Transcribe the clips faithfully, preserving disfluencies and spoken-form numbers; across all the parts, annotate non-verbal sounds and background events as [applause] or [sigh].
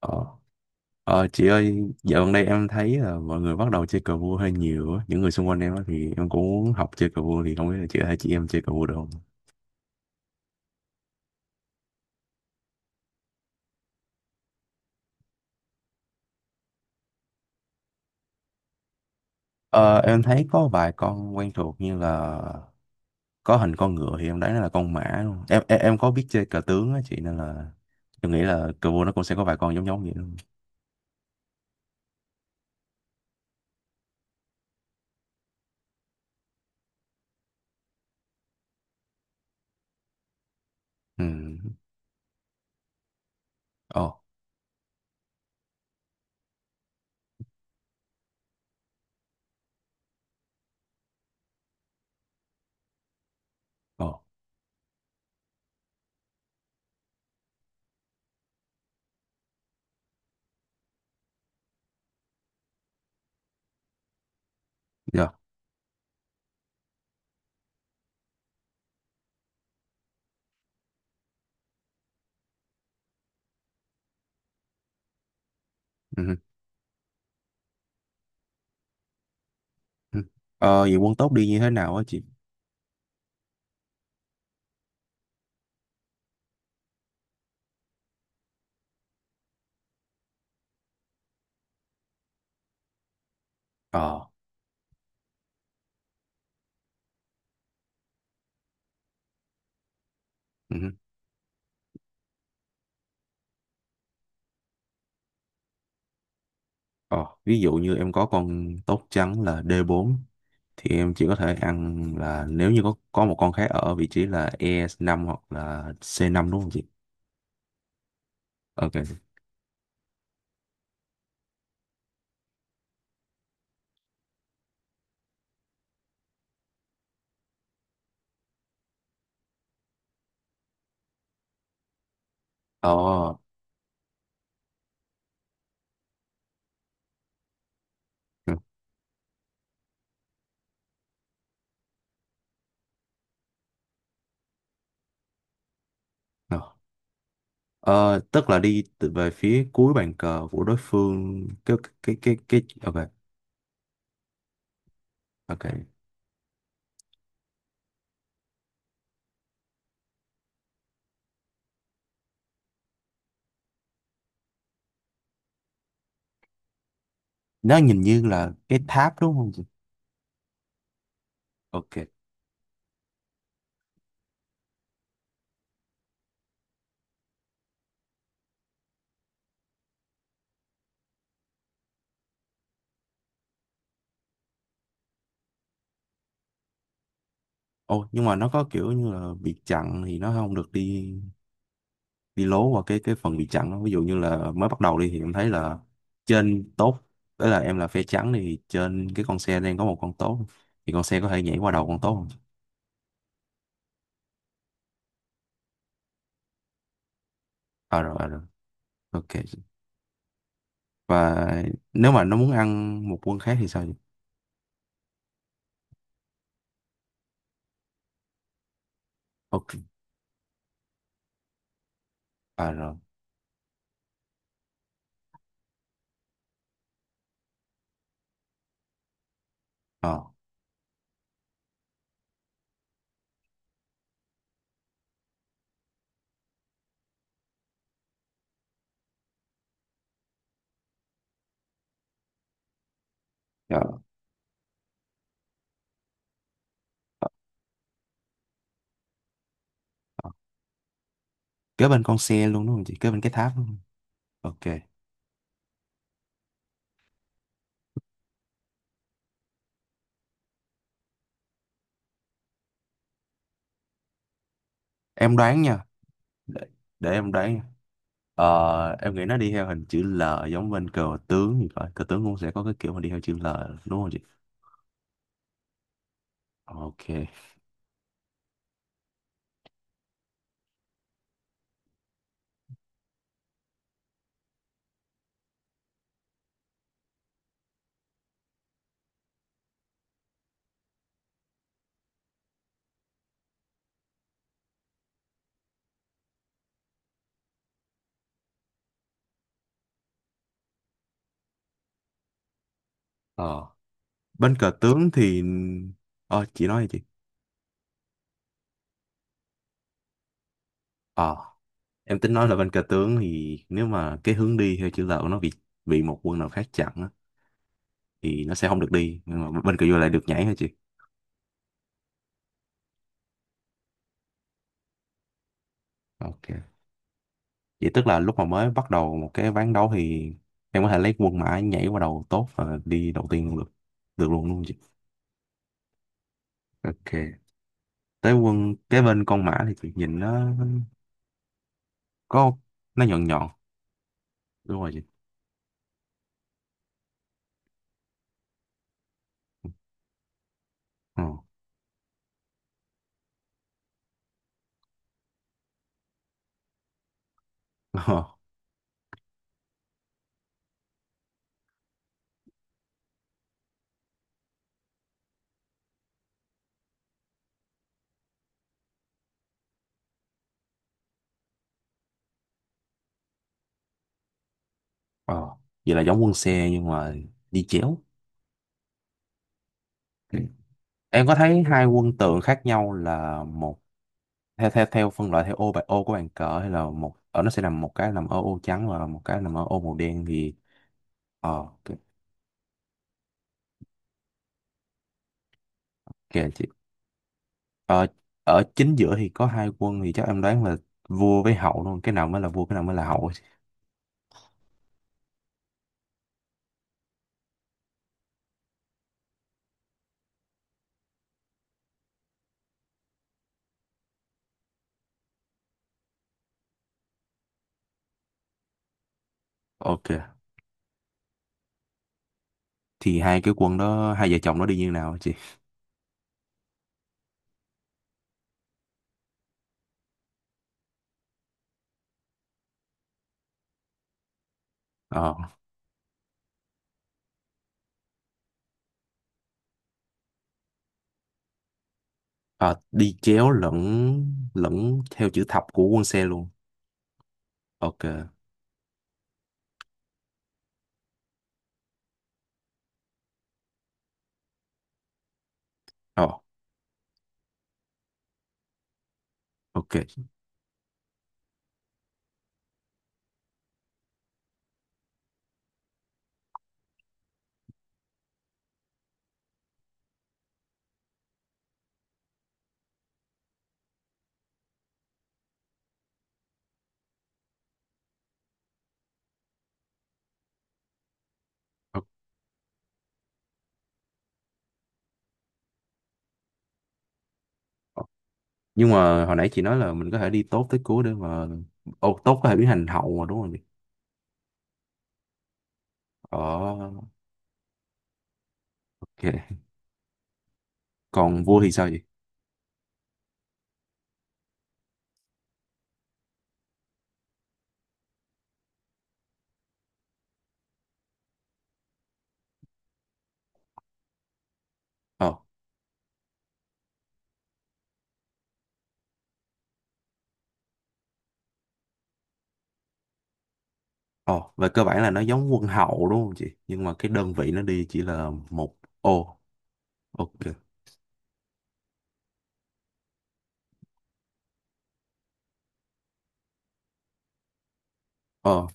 Ờ, ờ, chị ơi, dạo gần đây em thấy là mọi người bắt đầu chơi cờ vua hơi nhiều á. Những người xung quanh em á thì em cũng muốn học chơi cờ vua thì không biết là chị có thể chỉ em chơi cờ vua được không? Ờ, em thấy có vài con quen thuộc như là có hình con ngựa thì em đoán nó là con mã luôn. Em, em em có biết chơi cờ tướng á chị nên là em nghĩ là cờ vua nó cũng sẽ có vài con giống giống vậy luôn. Ừ. Ồ, ồ, dạ. Ừ, ừ. Ờ, vậy quân tốt đi như thế nào á chị? Ờ. Ờ. Ví dụ như em có con tốt trắng là đê bốn thì em chỉ có thể ăn là nếu như có có một con khác ở vị trí là e năm hoặc là xê năm đúng không chị? Ok. Ờ, ừ, ờ. Ờ, Tức là đi từ về phía cuối bàn cờ của đối phương cái cái cái cái ok. Ok, nó nhìn như là cái tháp đúng không chị? Ok. Ồ, nhưng mà nó có kiểu như là bị chặn thì nó không được đi đi lố qua cái cái phần bị chặn đó. Ví dụ như là mới bắt đầu đi thì em thấy là trên tốt tức là em là phe trắng thì trên cái con xe đang có một con tốt thì con xe có thể nhảy qua đầu con tốt không? À rồi, à, rồi. Ok, và nếu mà nó muốn ăn một quân khác thì sao vậy? Ok, à rồi. Ờ. Dạ. Ờ, ờ. Kế bên con xe luôn đúng không chị, kế bên cái tháp đúng không? Ok, em đoán nha. Để, để em đoán nha. Ờ, em nghĩ nó đi theo hình chữ L giống bên cờ tướng thì phải, cờ tướng cũng sẽ có cái kiểu mà đi theo chữ L đúng không chị? Ok. Ờ. Bên cờ tướng thì ờ chị nói đi chị. Ờ, em tính nói là bên cờ tướng thì nếu mà cái hướng đi theo chữ L của nó bị bị một quân nào khác chặn á, thì nó sẽ không được đi nhưng mà bên cờ vua lại được nhảy hả chị? Ok. Vậy tức là lúc mà mới bắt đầu một cái ván đấu thì em có thể lấy quân mã nhảy qua đầu tốt và đi đầu tiên luôn được. Được luôn luôn chị. Ok. Tới quân cái bên con mã thì chị nhìn nó có nó nhọn nhọn. Đúng rồi chị. Ờ. [laughs] Ờ. Ờ. Vậy là giống quân xe nhưng mà đi chéo. Ừ. Em có thấy hai quân tượng khác nhau là một theo theo theo phân loại theo ô bài ô của bàn cờ hay là một ở nó sẽ nằm một cái nằm ở ô trắng và một cái nằm ở ô màu đen thì ờ kìa, kìa chị. ờ, Ở chính giữa thì có hai quân thì chắc em đoán là vua với hậu luôn, cái nào mới là vua cái nào mới là hậu chị. Ok, thì hai cái quân đó hai vợ chồng nó đi như nào hả chị? Ờ. Ờ, đi chéo lẫn lẫn theo chữ thập của quân xe luôn. Ok. Ờ. Ok. Ok. Nhưng mà hồi nãy chị nói là mình có thể đi tốt tới cuối để mà ô tốt có thể biến thành hậu mà đúng không chị? Ờ. Ok. Còn vua thì sao chị? Ờ. ờ về cơ bản là nó giống quân hậu đúng không chị nhưng mà cái đơn vị nó đi chỉ là một ô. Ok. Ờ.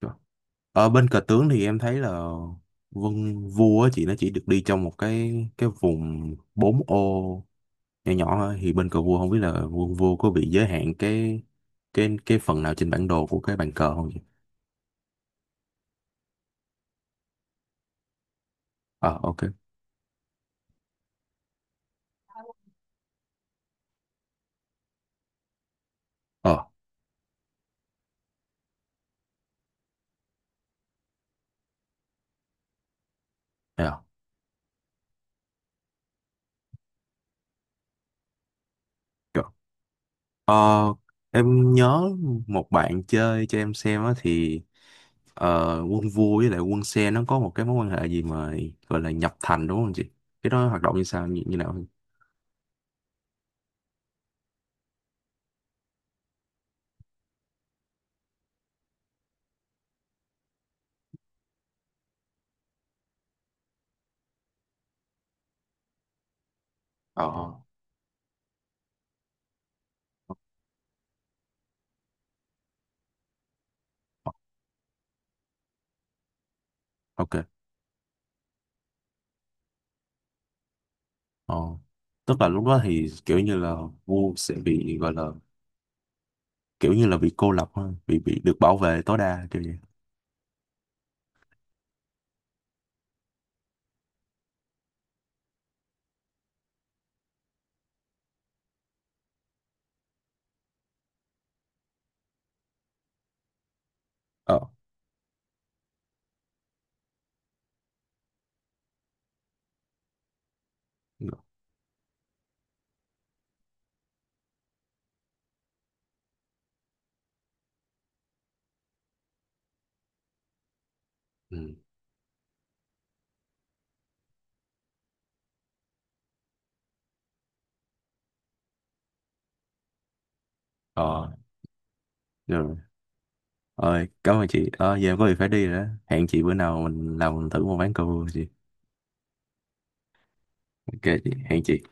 Rồi. Ở bên cờ tướng thì em thấy là quân vua á chị nó chỉ được đi trong một cái cái vùng bốn ô nhỏ nhỏ thôi thì bên cờ vua không biết là quân vua có bị giới hạn cái cái cái phần nào trên bản đồ của cái bàn cờ không chị? Ờ. Ok. Ờ. Dạ. Dạ. Ờ, em nhớ một bạn chơi cho em xem á thì ờ, quân vua với lại quân xe nó có một cái mối quan hệ gì mà gọi là nhập thành đúng không chị? Cái đó hoạt động như sao, như, như nào không? Ờ. Ok. Ờ. Tức là lúc đó thì kiểu như là vua sẽ bị gọi là kiểu như là bị cô lập ha, bị bị được bảo vệ tối đa kiểu vậy. Ờ. Ừ. Ờ. Rồi. Rồi, cảm ơn chị. Ờ, giờ em có việc phải đi rồi đó. Hẹn chị bữa nào mình làm thử một ván cờ vua chị. Ok chị, hẹn chị.